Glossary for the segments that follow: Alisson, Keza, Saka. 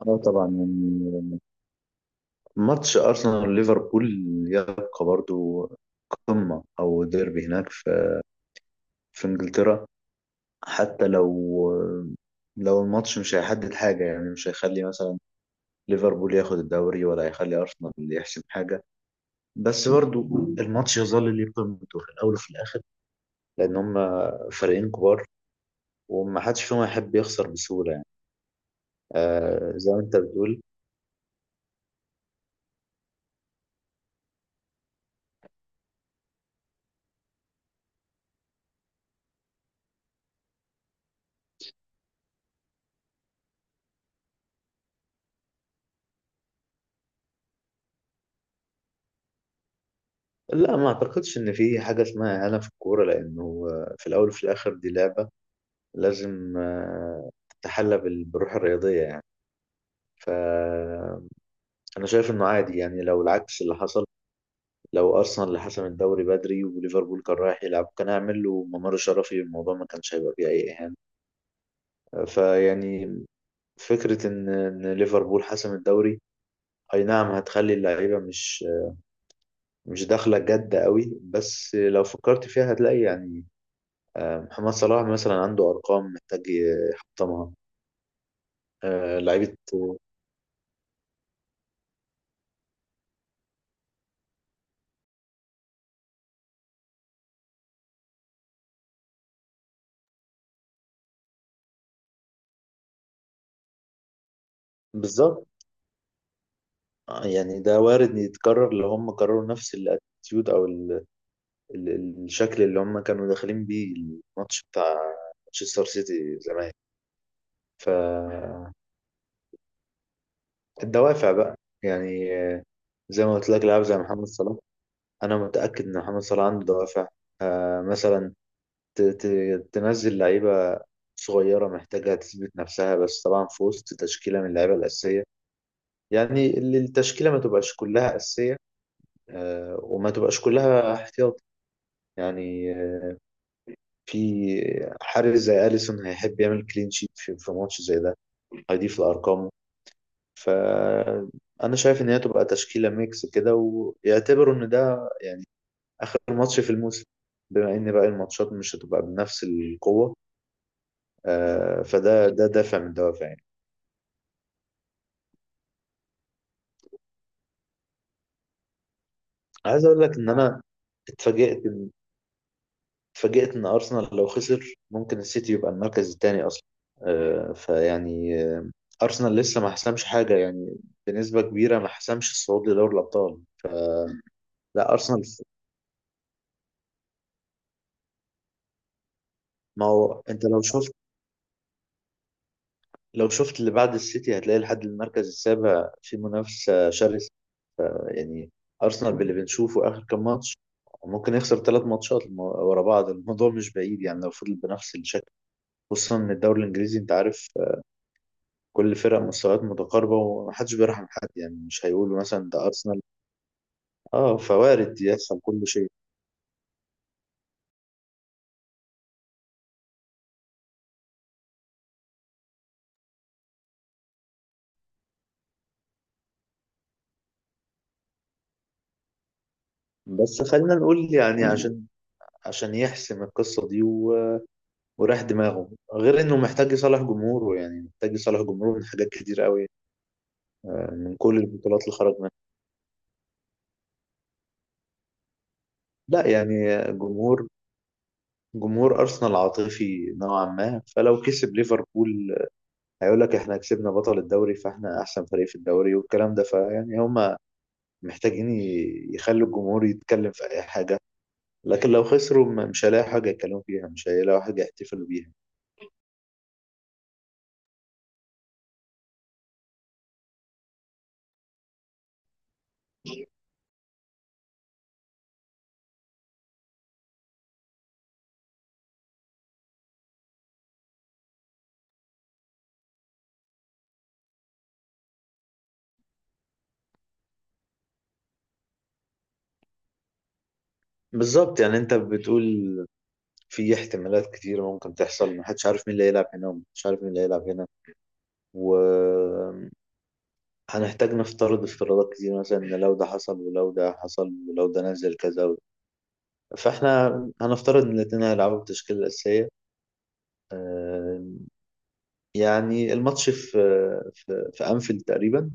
اه طبعا يعني، ماتش ارسنال ليفربول يبقى برضو قمة او ديربي هناك في انجلترا. حتى لو الماتش مش هيحدد حاجة، يعني مش هيخلي مثلا ليفربول ياخد الدوري ولا هيخلي ارسنال يحسم حاجة. بس برضو الماتش يظل ليه قيمته في الاول وفي الاخر، لان هم فريقين كبار وما حدش فيهم هيحب يخسر بسهولة يعني. آه، زي ما انت بتقول. لا ما اعتقدش ان في حاجة اسمها اهانة في الكورة، لانه في الاول وفي الاخر دي لعبة. لازم تتحلى بالروح الرياضية يعني. فأنا شايف إنه عادي، يعني لو العكس اللي حصل، لو أرسنال اللي حسم الدوري بدري وليفربول كان رايح يلعب، كان هيعمل له ممر شرفي. الموضوع ما كانش هيبقى فيه أي إهانة. فيعني، فكرة إن ليفربول حسم الدوري، أي نعم هتخلي اللعيبة مش داخلة جد قوي، بس لو فكرت فيها هتلاقي يعني، محمد صلاح مثلا عنده أرقام محتاج يحطمها. لعيبة. بالظبط. يعني ده وارد إن يتكرر لو هم كرروا نفس الاتيتيود، او ال... ال... ال- الشكل اللي هم كانوا داخلين بيه الماتش بتاع مانشستر سيتي زمان. ف الدوافع بقى، يعني زي ما قلت لك لاعب زي محمد صلاح. انا متاكد ان محمد صلاح عنده دوافع. مثلا، ت... ت... تنزل لعيبه صغيره محتاجه تثبت نفسها، بس طبعا في وسط تشكيله من اللعيبه الاساسيه. يعني اللي التشكيله ما تبقاش كلها اساسيه، وما تبقاش كلها احتياط. يعني في حارس زي أليسون هيحب يعمل كلين شيت في ماتش زي ده، هيضيف لأرقامه. فأنا شايف إن هي تبقى تشكيلة ميكس كده، ويعتبروا إن ده يعني آخر ماتش في الموسم، بما إن باقي الماتشات مش هتبقى بنفس القوة. فده ده دافع من دوافع يعني. عايز أقول لك إن أنا اتفاجئت. اتفاجئت ان ارسنال لو خسر ممكن السيتي يبقى المركز الثاني اصلا. فيعني ارسنال لسه ما حسمش حاجه، يعني بنسبه كبيره ما حسمش الصعود لدوري الابطال. لا، ارسنال. ما هو انت لو شفت، لو شفت اللي بعد السيتي هتلاقي لحد المركز السابع في منافسه شرسه. ف- يعني ارسنال باللي بنشوفه اخر كام ماتش ممكن يخسر ثلاث ماتشات ورا بعض. الموضوع مش بعيد يعني لو فضل بنفس الشكل، خصوصا ان الدوري الانجليزي انت عارف كل فرق مستويات متقاربة ومحدش بيرحم حد. يعني مش هيقولوا مثلا ده أرسنال. اه، فوارد يحصل كل شيء. بس خلينا نقول يعني، عشان يحسم القصة دي وراح دماغه، غير انه محتاج يصالح جمهوره. يعني محتاج يصالح جمهوره من حاجات كتير قوي، من كل البطولات اللي خرج منها. لا، يعني جمهور جمهور ارسنال عاطفي نوعا ما، فلو كسب ليفربول هيقول لك احنا كسبنا بطل الدوري فاحنا احسن فريق في الدوري والكلام ده. فيعني هم محتاجين يخلوا الجمهور يتكلم في اي حاجه، لكن لو خسروا مش هيلاقوا حاجه يتكلموا فيها، مش هيلاقوا حاجه يحتفلوا بيها. بالظبط، يعني انت بتقول في احتمالات كتير ممكن تحصل، محدش عارف مين اللي هيلعب هنا ومحدش عارف مين اللي هيلعب هنا، وهنحتاج نفترض افتراضات كتير، مثلا ان لو ده حصل ولو ده حصل ولو ده نزل كذا فاحنا هنفترض ان الاتنين هيلعبوا بالتشكيلة الأساسية. آه، يعني الماتش في في أنفيلد تقريبا.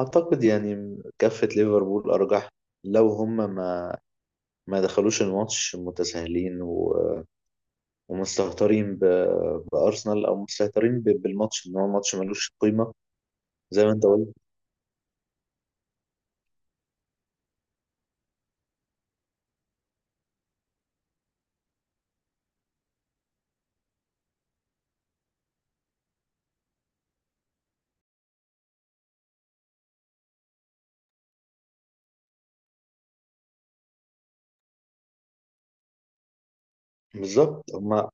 أعتقد يعني كفة ليفربول أرجح، لو هم ما دخلوش الماتش متساهلين ومستهترين بأرسنال، أو مستهترين بالماتش إن هو ماتش ملوش قيمة. زي ما أنت قلت، بالظبط. هم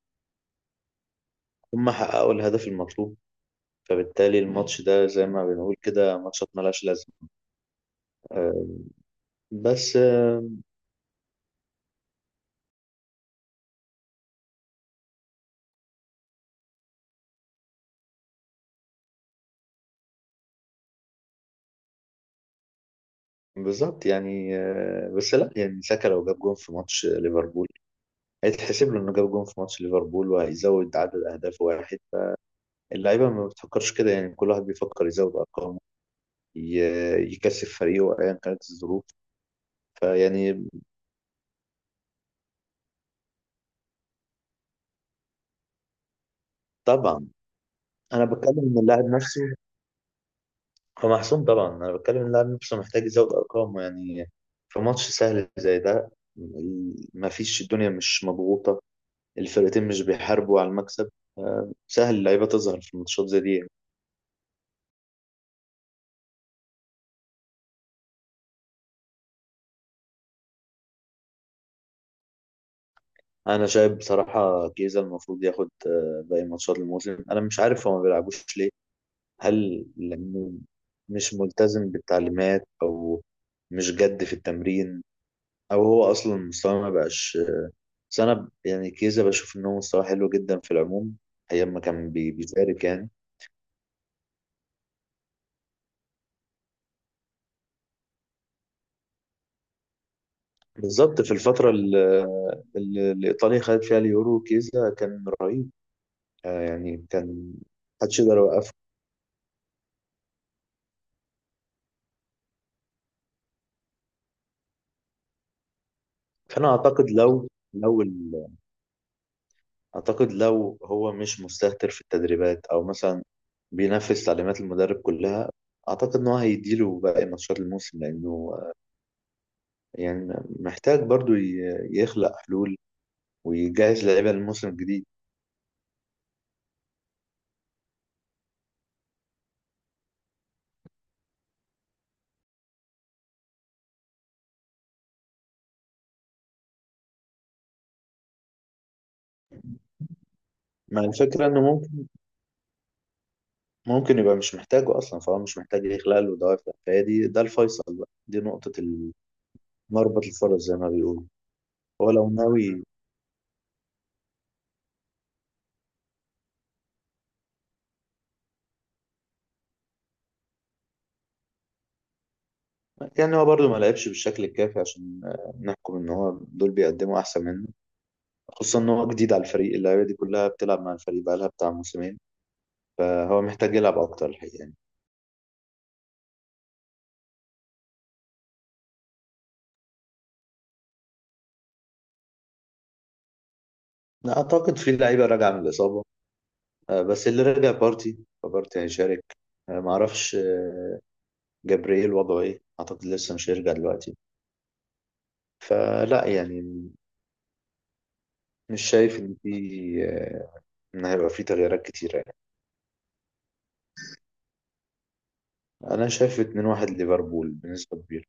هم حققوا الهدف المطلوب، فبالتالي الماتش ده زي ما بنقول كده ماتشات ملهاش لازمة. آه، بس بالظبط. يعني بس لا، يعني ساكا لو جاب جون في ماتش ليفربول، هيتحسب له إنه جاب جون في ماتش ليفربول وهيزود عدد أهدافه واحد. اللعيبة ما بتفكرش كده، يعني كل واحد بيفكر يزود أرقامه، يكسب فريقه أيا كانت الظروف. فيعني، طبعا أنا بتكلم إن اللاعب نفسه، هو محسوم طبعا. أنا بتكلم إن اللاعب نفسه محتاج يزود أرقامه يعني، في ماتش سهل زي ده، ما فيش الدنيا مش مضغوطة، الفرقتين مش بيحاربوا على المكسب. سهل اللعيبة تظهر في الماتشات زي دي. أنا شايف بصراحة جيزة المفروض ياخد باقي ماتشات الموسم، أنا مش عارف هو ما بيلعبوش ليه. هل لأنه مش ملتزم بالتعليمات، أو مش جد في التمرين، أو هو أصلا مستواه ما بقاش؟ بس أنا يعني كيزا بشوف إن هو مستواه حلو جدا في العموم، أيام ما كان بيشارك يعني. بالظبط، في الفترة اللي إيطاليا خدت فيها اليورو كيزا كان رهيب. آه، يعني كان محدش يقدر يوقفه. فأنا أعتقد لو أعتقد لو هو مش مستهتر في التدريبات، أو مثلا بينفذ تعليمات المدرب كلها، أعتقد إن هو هيديله باقي ماتشات الموسم، لأنه يعني محتاج برضو يخلق حلول ويجهز لعيبة للموسم الجديد. مع الفكرة إنه ممكن ممكن يبقى مش محتاجه أصلا، فهو مش محتاج يخلق له دوافع. فهي دي ده الفيصل بقى، دي نقطة مربط الفرس زي ما بيقولوا. هو لو ناوي، يعني هو برضو ما لعبش بالشكل الكافي عشان نحكم إن هو دول بيقدموا أحسن منه، خصوصا ان هو جديد على الفريق، اللعيبه دي كلها بتلعب مع الفريق بقالها بتاع موسمين. فهو محتاج يلعب اكتر الحقيقه يعني. أنا اعتقد في لعيبه راجعه من الاصابه، بس اللي رجع بارتي، فبارتي هيشارك. معرفش جبريل وضعه ايه، اعتقد لسه مش هيرجع دلوقتي. فلا يعني مش شايف ان في آه، ان هيبقى في تغييرات كتيره يعني. انا شايف 2-1 ليفربول بنسبه كبيره.